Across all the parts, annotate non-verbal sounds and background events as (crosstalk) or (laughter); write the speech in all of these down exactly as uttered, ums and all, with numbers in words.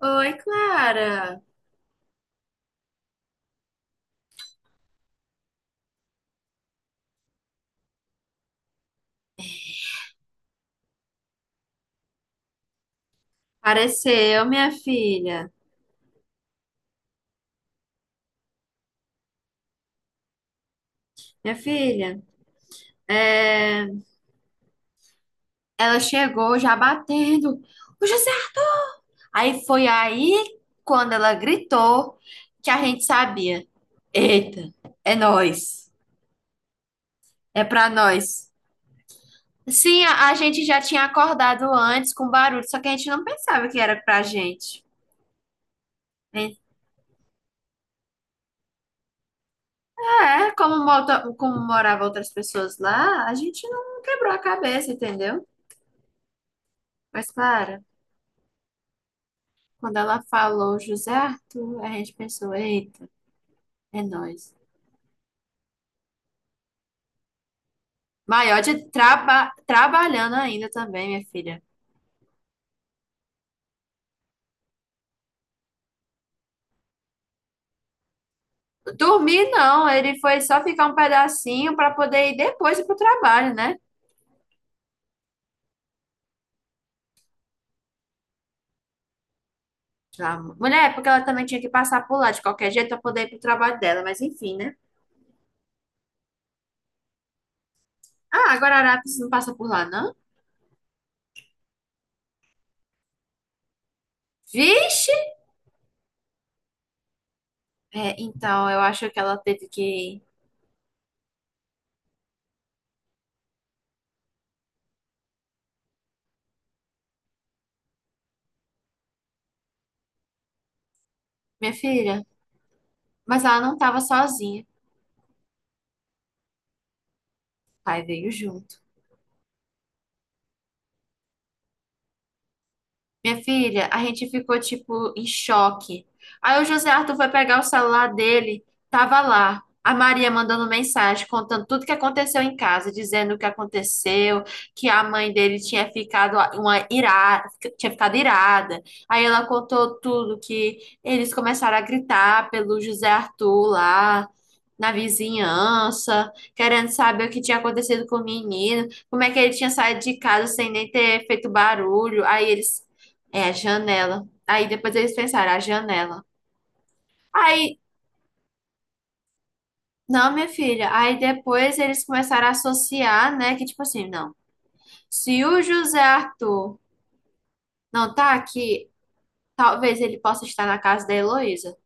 Oi, Clara. Apareceu, minha filha. Minha filha, é, ela chegou já batendo. "Ô, José!" Aí foi aí, quando ela gritou, que a gente sabia. Eita, é nós. É pra nós. Sim, a, a gente já tinha acordado antes com barulho, só que a gente não pensava que era pra gente. É, como, mota- como moravam outras pessoas lá, a gente não quebrou a cabeça, entendeu? Mas, Clara. Quando ela falou José Arthur, a gente pensou, eita, é nós. Maiotti traba, trabalhando ainda também, minha filha. Dormir não, ele foi só ficar um pedacinho para poder ir depois ir pro trabalho, né? Já- mulher, é porque ela também tinha que passar por lá de qualquer jeito para poder ir pro trabalho dela, mas enfim, né? Ah, agora a Arapes não passa por lá, não? Vixe! É, então, eu acho que ela teve que. Minha filha, mas ela não tava sozinha. O pai veio junto. Minha filha, a gente ficou tipo em choque. Aí o José Arthur foi pegar o celular dele, tava lá. A Maria mandando mensagem, contando tudo que aconteceu em casa, dizendo o que aconteceu, que a mãe dele tinha ficado uma irada, tinha ficado irada. Aí ela contou tudo que eles começaram a gritar pelo José Arthur lá na vizinhança, querendo saber o que tinha acontecido com o menino, como é que ele tinha saído de casa sem nem ter feito barulho. Aí eles é a janela. Aí depois eles pensaram, a janela. Aí, não, minha filha. Aí depois eles começaram a associar, né? Que tipo assim, não. Se o José Arthur não tá aqui, talvez ele possa estar na casa da Heloísa.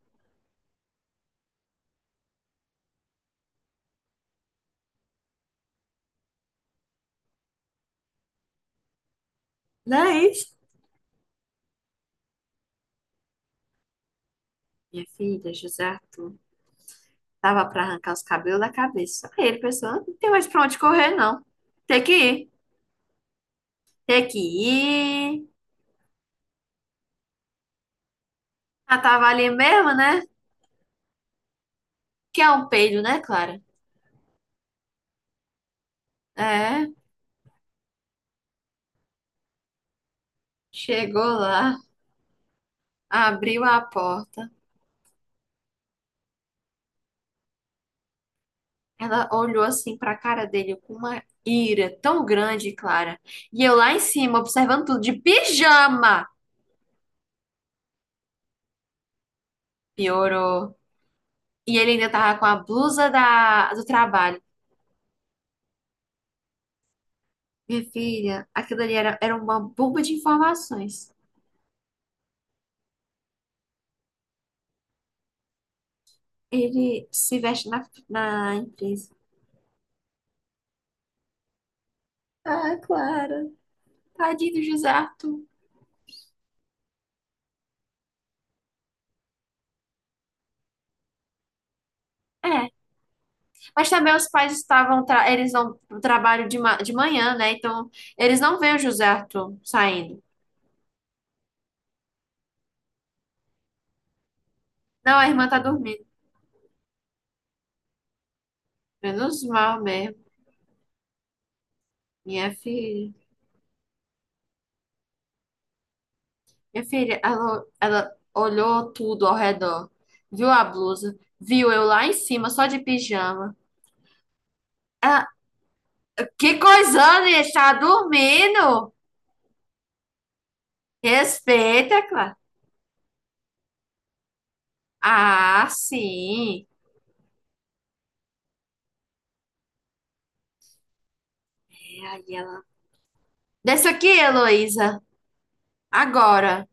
Não é isso? Minha filha, José Arthur. Tava pra arrancar os cabelos da cabeça. Aí ele pensou, não tem mais pra onde correr, não. Tem que ir. Tem que ir. Ah, tava ali mesmo, né? Que é um peido, né, Clara? É. Chegou lá, abriu a porta. Ela olhou assim pra cara dele com uma ira tão grande, Clara. E eu lá em cima, observando tudo, de pijama. Piorou. E ele ainda tava com a blusa da, do trabalho. Minha filha, aquilo ali era, era uma bomba de informações. Ele se veste na, na empresa. Ah, Clara. Tadinho do José Arthur. É, mas também os pais estavam, tra- eles vão pro trabalho de, ma de manhã, né? Então, eles não veem o José Arthur saindo. Não, a irmã tá dormindo. Menos mal mesmo. Minha filha. Minha filha, ela, ela olhou tudo ao redor. Viu a blusa. Viu eu lá em cima, só de pijama. Ah, que coisando, ele está dormindo. Respeita, Clara. Ah, sim. É, aí ela. Desce aqui, Heloísa. Agora.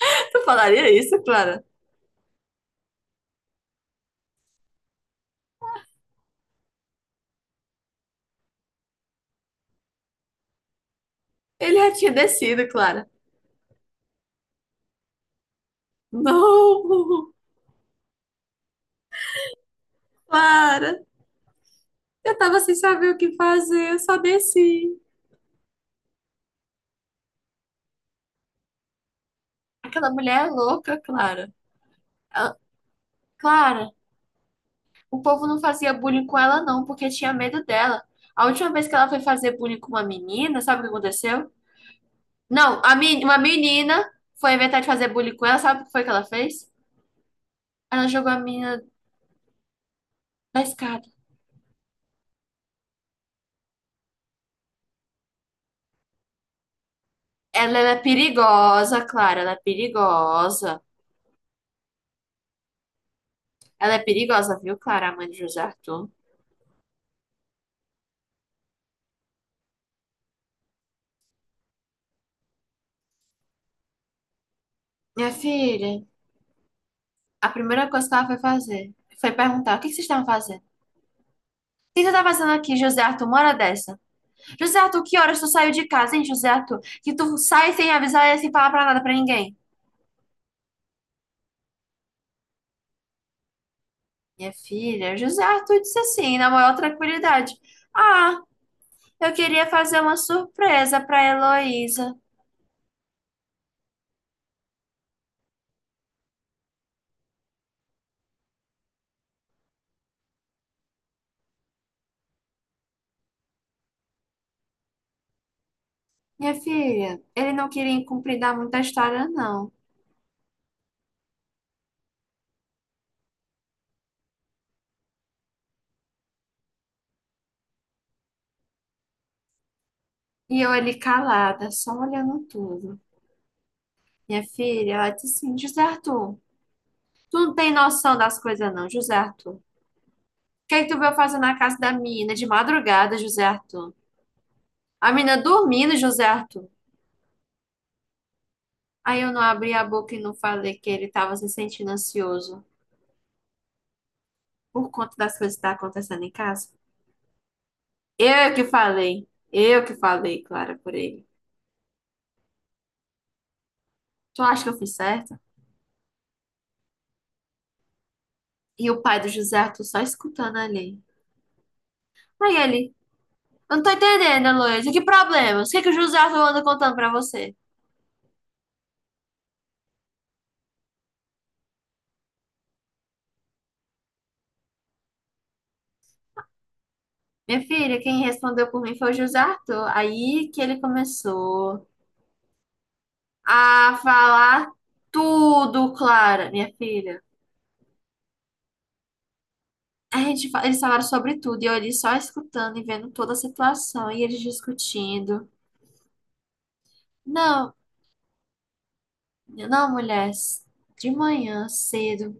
(laughs) Tu falaria isso, Clara? Ele já tinha descido, Clara. Não, Clara. Eu tava sem saber o que fazer, eu só desci. Aquela mulher é louca, Clara. Ah, Clara, o povo não fazia bullying com ela não, porque tinha medo dela. A última vez que ela foi fazer bullying com uma menina, sabe o que aconteceu? Não, a men- uma menina foi inventar de fazer bullying com ela, sabe o que foi que ela fez? Ela jogou a menina da escada. Ela, ela é perigosa, Clara, ela é perigosa. Ela é perigosa, viu, Clara, a mãe de José Arthur? Minha filha, a primeira coisa que ela foi fazer foi perguntar: o que que vocês estavam fazendo? O que você está fazendo aqui, José Arthur, uma hora dessa? José Arthur, que horas tu saiu de casa, hein, José Arthur? Que tu sai sem avisar e sem falar pra nada pra ninguém. Minha filha, José Arthur disse assim, na maior tranquilidade. Ah, eu queria fazer uma surpresa pra Heloísa. Minha filha, ele não queria encomendar muita história, não. E eu ali calada, só olhando tudo. Minha filha, ela disse assim, José Arthur, tu não tem noção das coisas, não, José Arthur. O que é que tu veio fazer na casa da menina de madrugada, José Arthur? A menina dormindo, José Arthur. Aí eu não abri a boca e não falei que ele estava se sentindo ansioso por conta das coisas que tá acontecendo em casa. Eu que falei. Eu que falei, Clara, por ele. Tu acha que eu fiz certo? E o pai do José Arthur só escutando ali. Aí ele, eu não tô entendendo, Heloísa, que problemas? O que que o José Arthur anda contando pra você? Minha filha, quem respondeu por mim foi o José Arthur. Aí que ele começou a falar tudo, Clara, minha filha. A gente, fa- eles falaram sobre tudo, e eu ali só escutando e vendo toda a situação, e eles discutindo. Não, não, mulher, de manhã, cedo,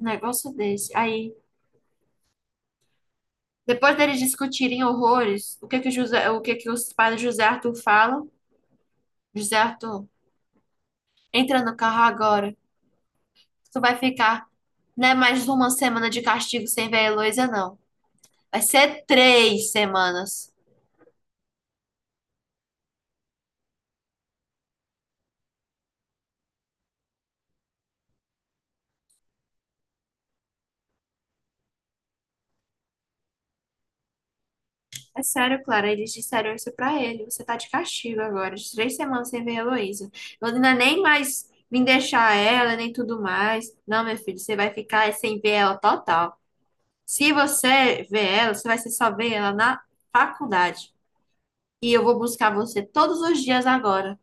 um negócio desse. Aí, depois deles discutirem horrores, o que que o José, o que que os pais do José Arthur falam? José Arthur, entra no carro agora. Tu vai ficar, não é mais uma semana de castigo sem ver a Heloísa, não. Vai ser três semanas. É sério, Clara, eles disseram isso pra ele. Você tá de castigo agora, de três semanas sem ver a Heloísa. Lorena nem mais me deixar ela, nem tudo mais. Não, meu filho, você vai ficar sem ver ela total. Se você ver ela, você vai ser só ver ela na faculdade. E eu vou buscar você todos os dias agora,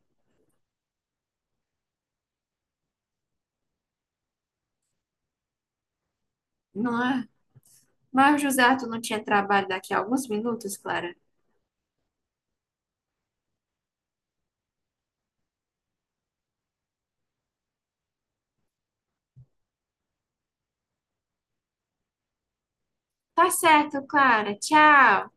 não é? Mas o José Arthur não tinha trabalho daqui a alguns minutos, Clara. Tá certo, Clara. Tchau.